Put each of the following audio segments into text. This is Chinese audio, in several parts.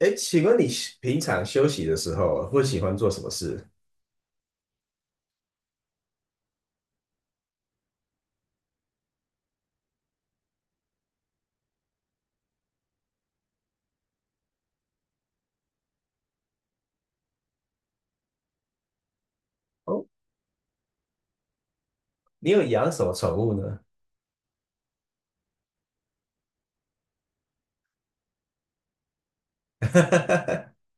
哎，请问你平常休息的时候会喜欢做什么事？哦，你有养什么宠物呢？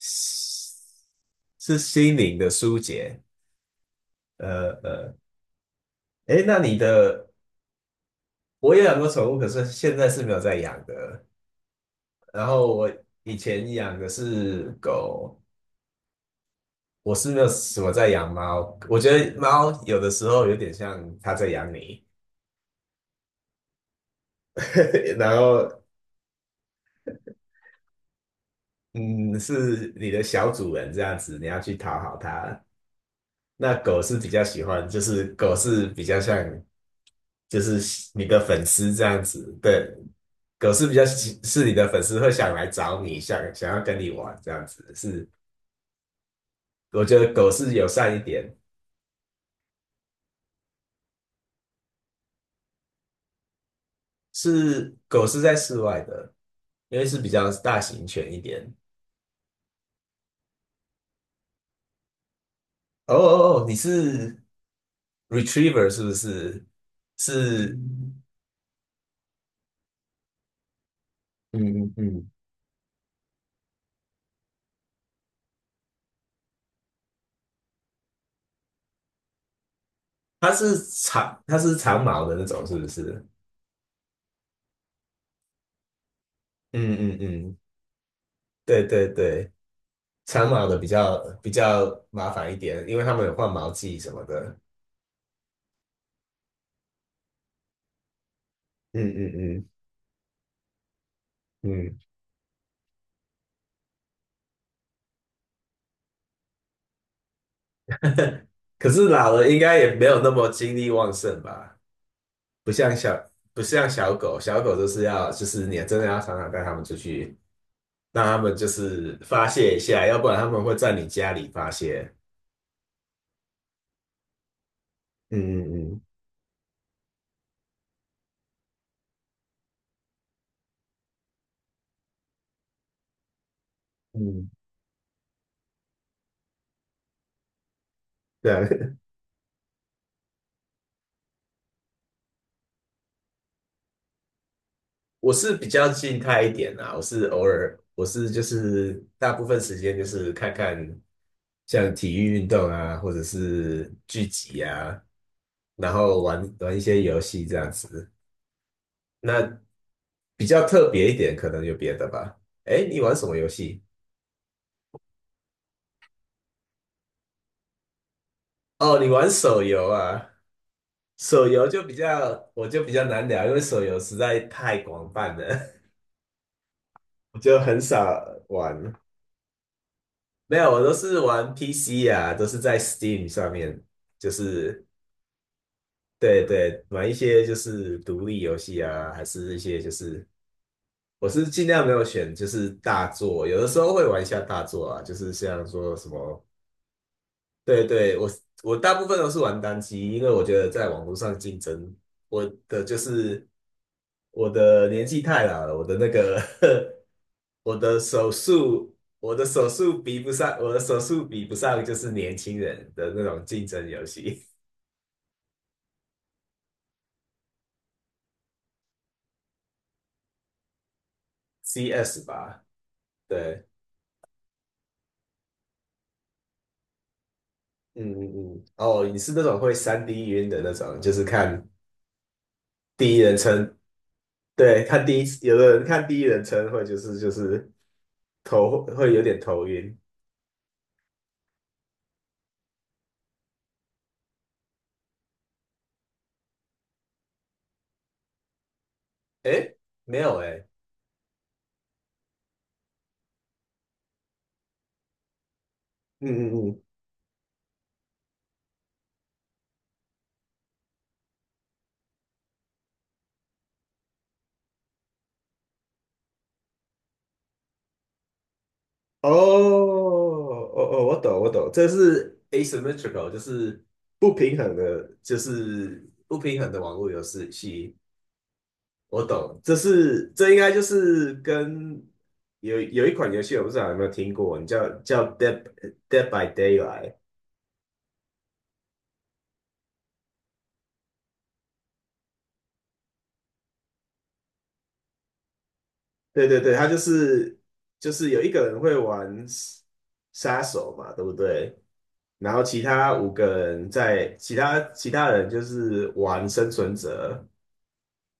是是心灵的疏解。呃呃，哎，那你的我也养过宠物，可是现在是没有在养的。然后我以前养的是狗，我是没有什么在养猫。我觉得猫有的时候有点像它在养你。然后嗯，是你的小主人这样子，你要去讨好它。那狗是比较喜欢，就是狗是比较像，就是你的粉丝这样子，对。狗是比较喜是你的粉丝会想来找你，想要跟你玩这样子。是，我觉得狗是友善一点。是狗是在室外的，因为是比较大型犬一点。哦哦哦，你是 retriever 是不是？是。嗯嗯嗯，它是它是长毛的那种是不是？嗯嗯嗯，对对对。长毛的比较麻烦一点，因为他们有换毛季什么的。嗯嗯嗯嗯。可是老了应该也没有那么精力旺盛吧？不像小狗，小狗就是要就是你真的要常常带它们出去，让它们就是发泄一下，要不然它们会在你家里发泄。嗯嗯嗯嗯，对啊。 我是比较静态一点啦。我是就是大部分时间就是看看像体育运动啊，或者是聚集啊，然后玩玩一些游戏这样子。那比较特别一点，可能有别的吧。哎，你玩什么游戏？哦，你玩手游啊？手游就比较，我就比较难聊，因为手游实在太广泛了。我就很少玩。没有，我都是玩 PC 啊，都是在 Steam 上面，就是对对，玩一些就是独立游戏啊，还是一些我是尽量没有选，就是大作，有的时候会玩一下大作啊，就是像说什么。对对，我大部分都是玩单机，因为我觉得在网络上竞争，我的就是我的年纪太老了，我的那个 我的手速，我的手速比不上就是年轻人的那种竞争游戏，CS 吧，对。嗯嗯嗯。哦，你是那种会3D 晕的那种，就是看第一人称。对，看第一次，有的人看第一人称会头会有点头晕。诶，没有诶。嗯嗯嗯。哦哦哦，我懂我懂，这是 asymmetrical，就是不平衡的，网络游戏。我懂。这应该就是跟有一款游戏，我不知道有没有听过，你叫 Dead by Daylight。对对对，它就是有一个人会玩杀手嘛，对不对？然后其他五个人其他人就是玩生存者，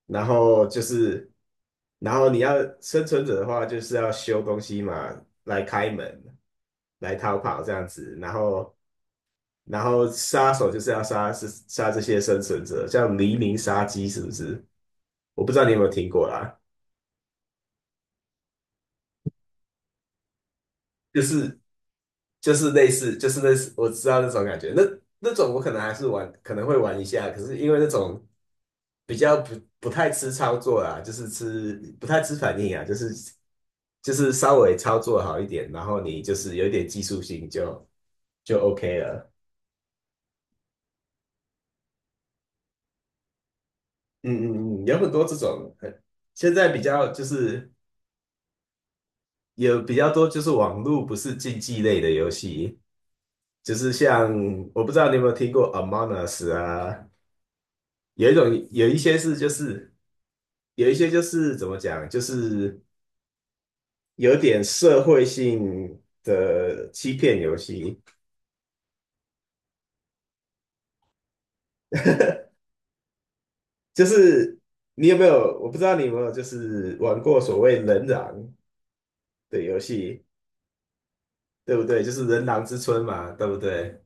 然后就是然后你要生存者的话，就是要修东西嘛，来开门，来逃跑这样子，然后。然后杀手就是是杀这些生存者，像黎明杀机是不是？我不知道你有没有听过啦。就是就是类似，我知道那种感觉，那种我可能会玩一下，可是因为那种比较不太吃操作啦，就是吃不太吃反应啊，就是稍微操作好一点，然后你就是有一点技术性就 OK 了。嗯嗯嗯。有很多这种，现在比较就是。有比较多就是网络不是竞技类的游戏，就是像我不知道你有没有听过 Among Us 啊，有一些就是有一些就是怎么讲，就是有点社会性的欺骗游戏，就是你有没有我不知道你有没有就是玩过所谓人狼的游戏，对不对？就是人狼之春嘛，对不对？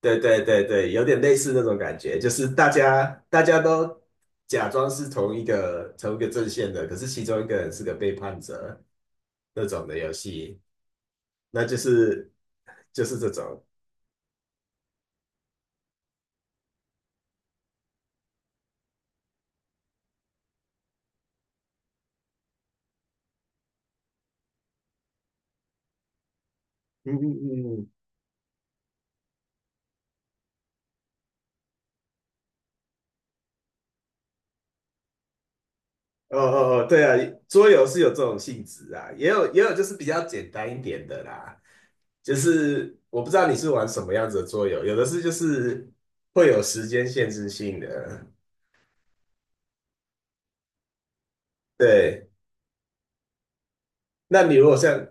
对对对对，有点类似那种感觉，就是大家都假装是同一个阵线的，可是其中一个人是个背叛者那种的游戏，那就是这种。嗯嗯嗯嗯。哦哦哦，对啊，桌游是有这种性质啊，也有就是比较简单一点的啦，就是我不知道你是玩什么样子的桌游，有的是就是会有时间限制性的。对，那你如果像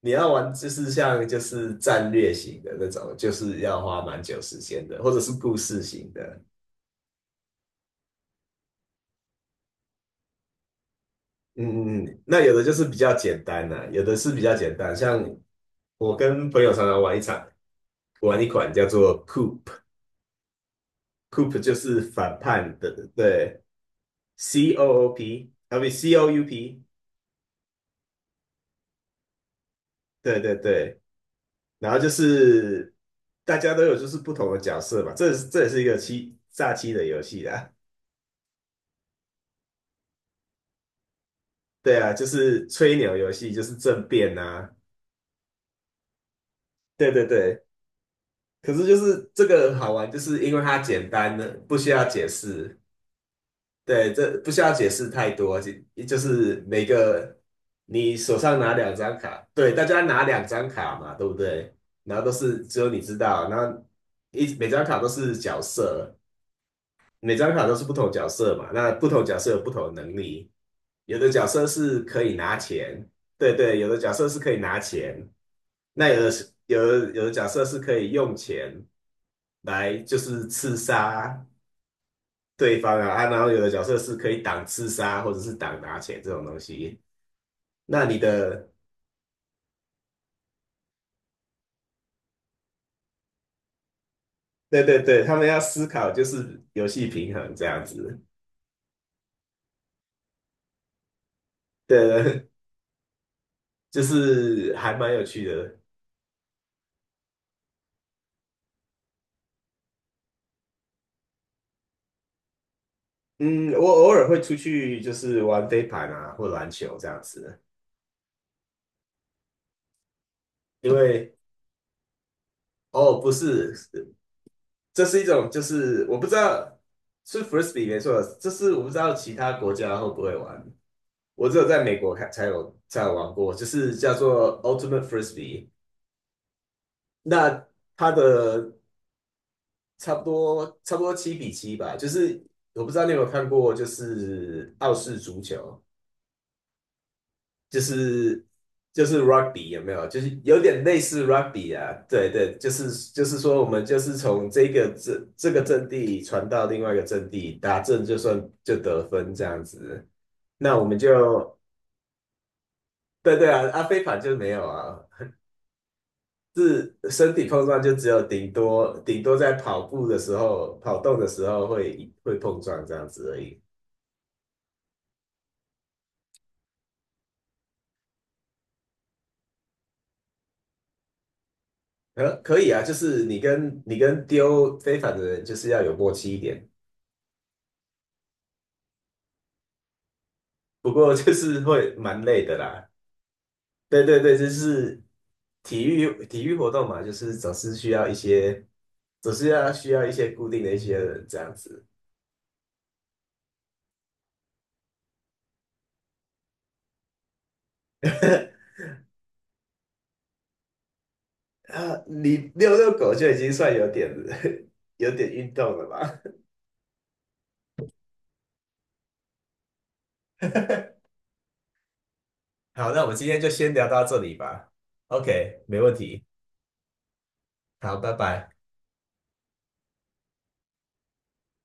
你要玩就是像就是战略型的那种，就是要花蛮久时间的，或者是故事型的。嗯嗯嗯。那有的就是比较简单的、有的是比较简单。像我跟朋友常常玩一场，玩一款叫做 Coop，Coop 就是反叛的，对，C O O P，啊不 C O U P，对对对。然后就是大家都有就是不同的角色嘛，这也是一个欺炸欺的游戏啦。对啊，就是吹牛游戏，就是政变啊。对对对，可是就是这个好玩，就是因为它简单，不需要解释。对，这不需要解释太多，就是每个你手上拿两张卡，对，大家拿两张卡嘛，对不对？然后都是只有你知道，然后每张卡都是角色，每张卡都是不同角色嘛，那不同角色有不同的能力，有的角色是可以拿钱，对对，有的角色是可以拿钱，那有的是有的角色是可以用钱来就是刺杀对方啊。啊，然后有的角色是可以挡刺杀或者是挡拿钱这种东西。那你的对对对，他们要思考就是游戏平衡这样子，对。就是还蛮有趣的。嗯，我偶尔会出去，就是玩飞盘啊，或篮球这样子。因为哦，不是，这是一种，就是我不知道是 frisbee 没错，这是我不知道其他国家会不会玩。我只有在美国看才有玩过，就是叫做 Ultimate Frisbee。那它的差不多7-7吧，就是我不知道你有没有看过，就是澳式足球。就是就是 rugby 有没有？就是有点类似 rugby 啊，对对，就是说我们就是从这这个阵地传到另外一个阵地，打阵就得分这样子。那我们就对对啊。啊飞盘就没有啊，是身体碰撞就只有顶多在跑动的时候会碰撞这样子而已。可以啊，就是你跟丢飞盘的人就是要有默契一点。不过就是 会蛮累的啦。对对对，就是体育活动嘛，就是总是需要一些，总是要需要一些固定的一些人这样子。啊，你遛遛狗就已经算有点 有点运动了吧？好，那我们今天就先聊到这里吧。OK，没问题。好，拜拜。